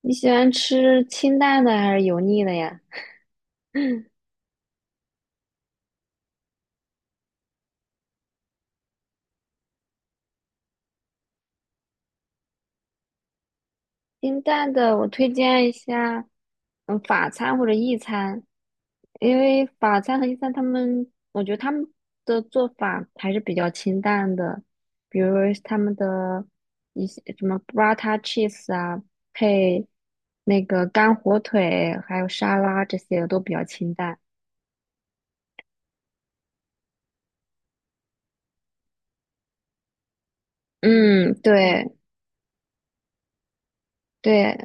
你喜欢吃清淡的还是油腻的呀？清淡的，我推荐一下，法餐或者意餐。因为法餐和意餐他们，我觉得他们的做法还是比较清淡的，比如他们的一些什么 burrata cheese 啊，配那个干火腿，还有沙拉这些都比较清淡。嗯，对对。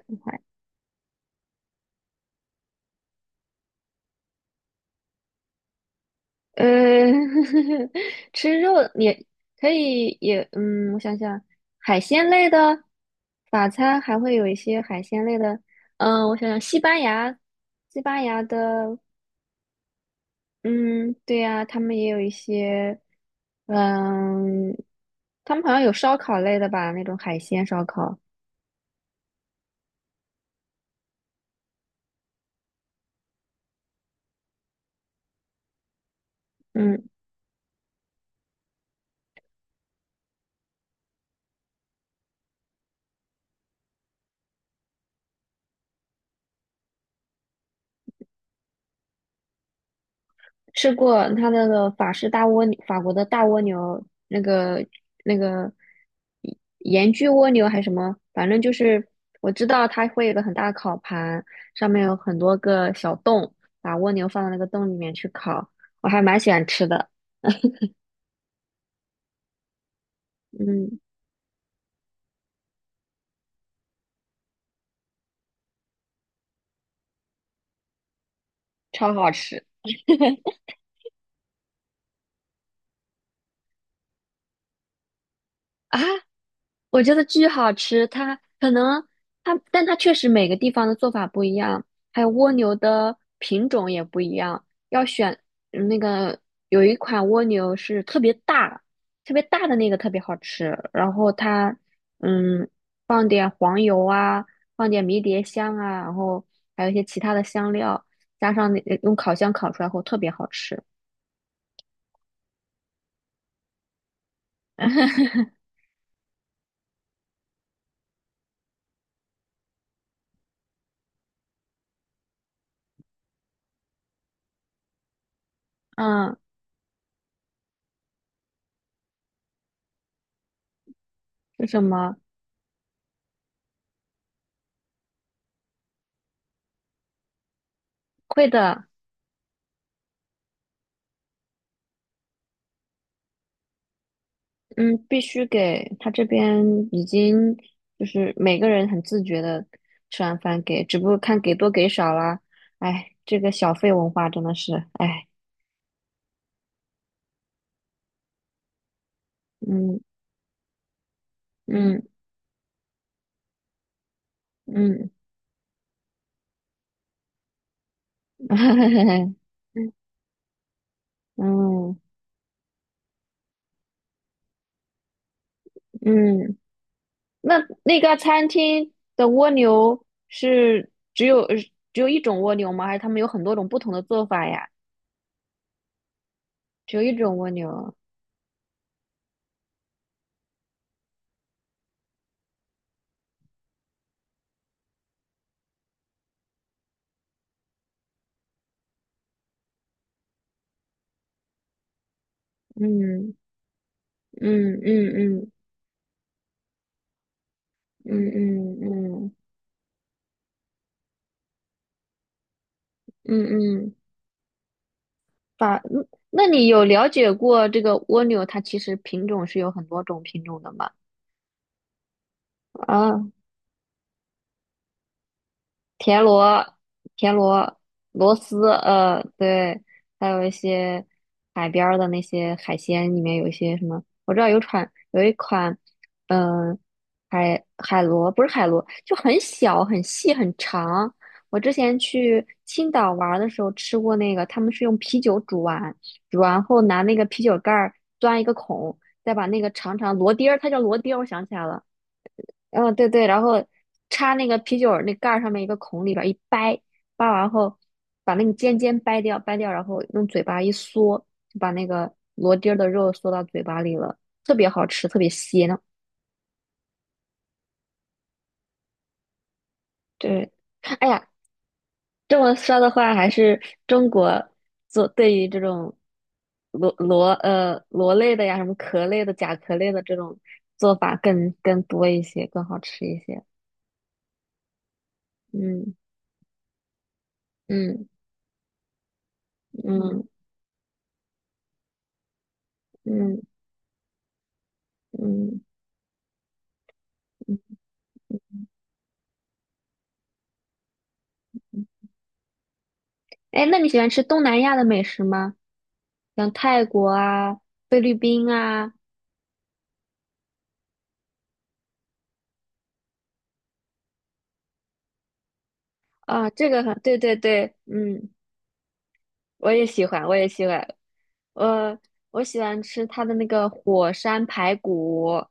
呃，吃肉也可以也，我想想，海鲜类的法餐还会有一些海鲜类的，我想想，西班牙，的。嗯，对呀，他们也有一些，嗯，他们好像有烧烤类的吧，那种海鲜烧烤。嗯。吃过它那个法式大蜗牛，法国的大蜗牛，那个盐焗蜗牛还是什么，反正就是我知道它会有个很大的烤盘，上面有很多个小洞，把蜗牛放到那个洞里面去烤，我还蛮喜欢吃的。嗯，超好吃啊！我觉得巨好吃，它可能它，但它确实每个地方的做法不一样，还有蜗牛的品种也不一样，要选那个有一款蜗牛是特别大，特别大的那个特别好吃，然后它嗯放点黄油啊，放点迷迭香啊，然后还有一些其他的香料，加上那用烤箱烤出来后特别好吃。嗯，是什么？会的。嗯，必须给他这边已经就是每个人很自觉的吃完饭给，只不过看给多给少啦。哎，这个小费文化真的是，哎。嗯嗯嗯，嗯嗯，嗯。那那个餐厅的蜗牛是只有一种蜗牛吗？还是他们有很多种不同的做法呀？只有一种蜗牛。嗯嗯嗯嗯嗯嗯嗯嗯嗯。嗯法，嗯那你有了解过这个蜗牛它其实品种是有很多种品种的吗？啊，田螺、田螺、螺丝，对。还有一些海边儿的那些海鲜，里面有一些什么，我知道有一款。嗯、海螺不是海螺，就很小、很细、很长。我之前去青岛玩儿的时候吃过那个，他们是用啤酒煮完，煮完后拿那个啤酒盖儿钻一个孔，再把那个长长螺钉儿，它叫螺钉儿我想起来了。嗯，对对，然后插那个啤酒儿那盖儿上面一个孔里边儿一掰，掰完后把那个尖尖掰掉，掰掉，然后用嘴巴一嗦，就把那个螺钉儿的肉嗦到嘴巴里了，特别好吃，特别鲜对。哎呀，这么说的话，还是中国做对于这种螺类的呀，什么壳类的、甲壳类的这种做法更多一些，更好吃一些。嗯嗯嗯嗯嗯嗯。嗯哎，那你喜欢吃东南亚的美食吗？像泰国啊、菲律宾啊。啊，这个很，对对对。嗯，我也喜欢，我也喜欢，呃，我喜欢吃它的那个火山排骨，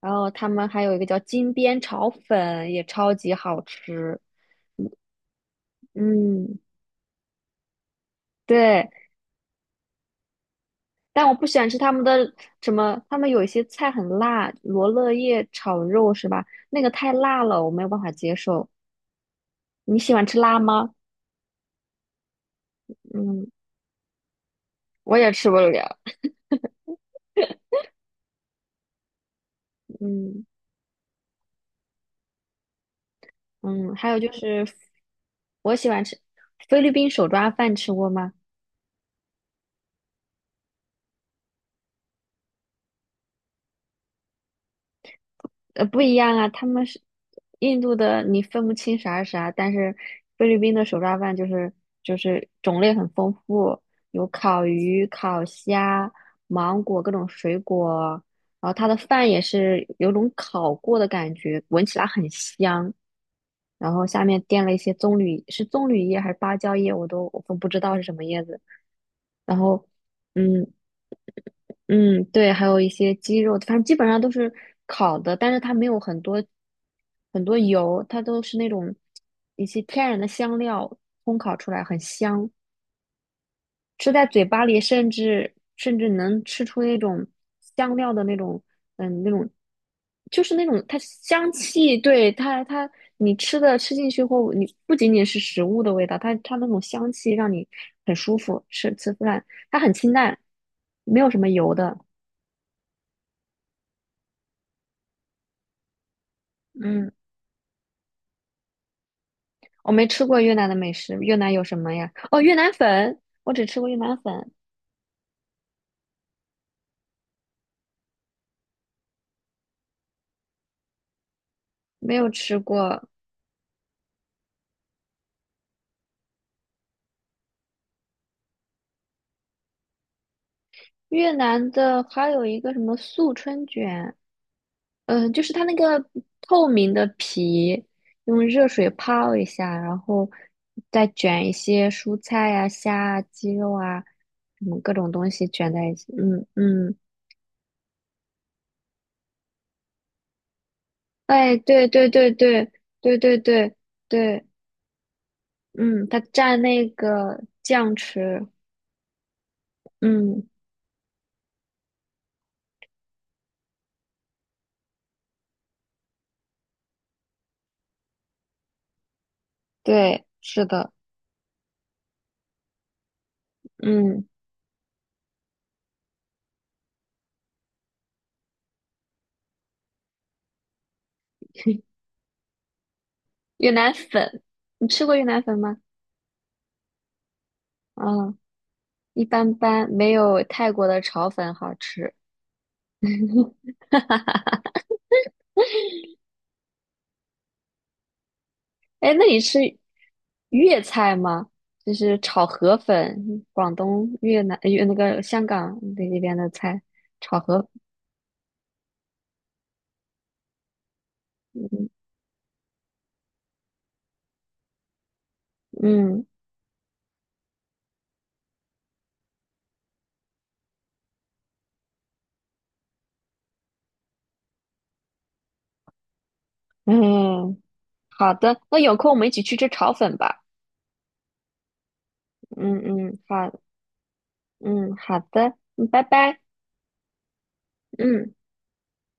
然后他们还有一个叫金边炒粉，也超级好吃。嗯，对，但我不喜欢吃他们的什么，他们有一些菜很辣，罗勒叶炒肉是吧？那个太辣了，我没有办法接受。你喜欢吃辣吗？嗯。我也吃不了。嗯嗯，还有就是，我喜欢吃菲律宾手抓饭，吃过吗？不一样啊，他们是印度的，你分不清啥是啥，但是菲律宾的手抓饭就是种类很丰富，有烤鱼、烤虾、芒果各种水果，然后它的饭也是有种烤过的感觉，闻起来很香。然后下面垫了一些棕榈，是棕榈叶还是芭蕉叶，我都不知道是什么叶子。然后，嗯嗯，对，还有一些鸡肉，反正基本上都是烤的，但是它没有很多很多油，它都是那种一些天然的香料烘烤出来，很香。吃在嘴巴里，甚至能吃出那种香料的那种，那种就是那种它香气，对它你吃进去后，你不仅仅是食物的味道，它那种香气让你很舒服，吃出来它很清淡，没有什么油的。嗯，我没吃过越南的美食，越南有什么呀？哦，越南粉，我只吃过越南粉，没有吃过越南的，还有一个什么素春卷。就是它那个透明的皮，用热水泡一下，然后再卷一些蔬菜呀、虾啊、鸡肉啊，什么各种东西卷在一起。嗯嗯，哎，对对对对对对对对，嗯，它蘸那个酱吃。嗯，对，是的，嗯，越南粉，你吃过越南粉吗？嗯，一般般，没有泰国的炒粉好吃。哎，那你吃粤菜吗？就是炒河粉，广东、越南、越那个香港那边的菜，炒河粉。嗯嗯，好的，那有空我们一起去吃炒粉吧。嗯嗯，好，好的，嗯，拜拜，嗯。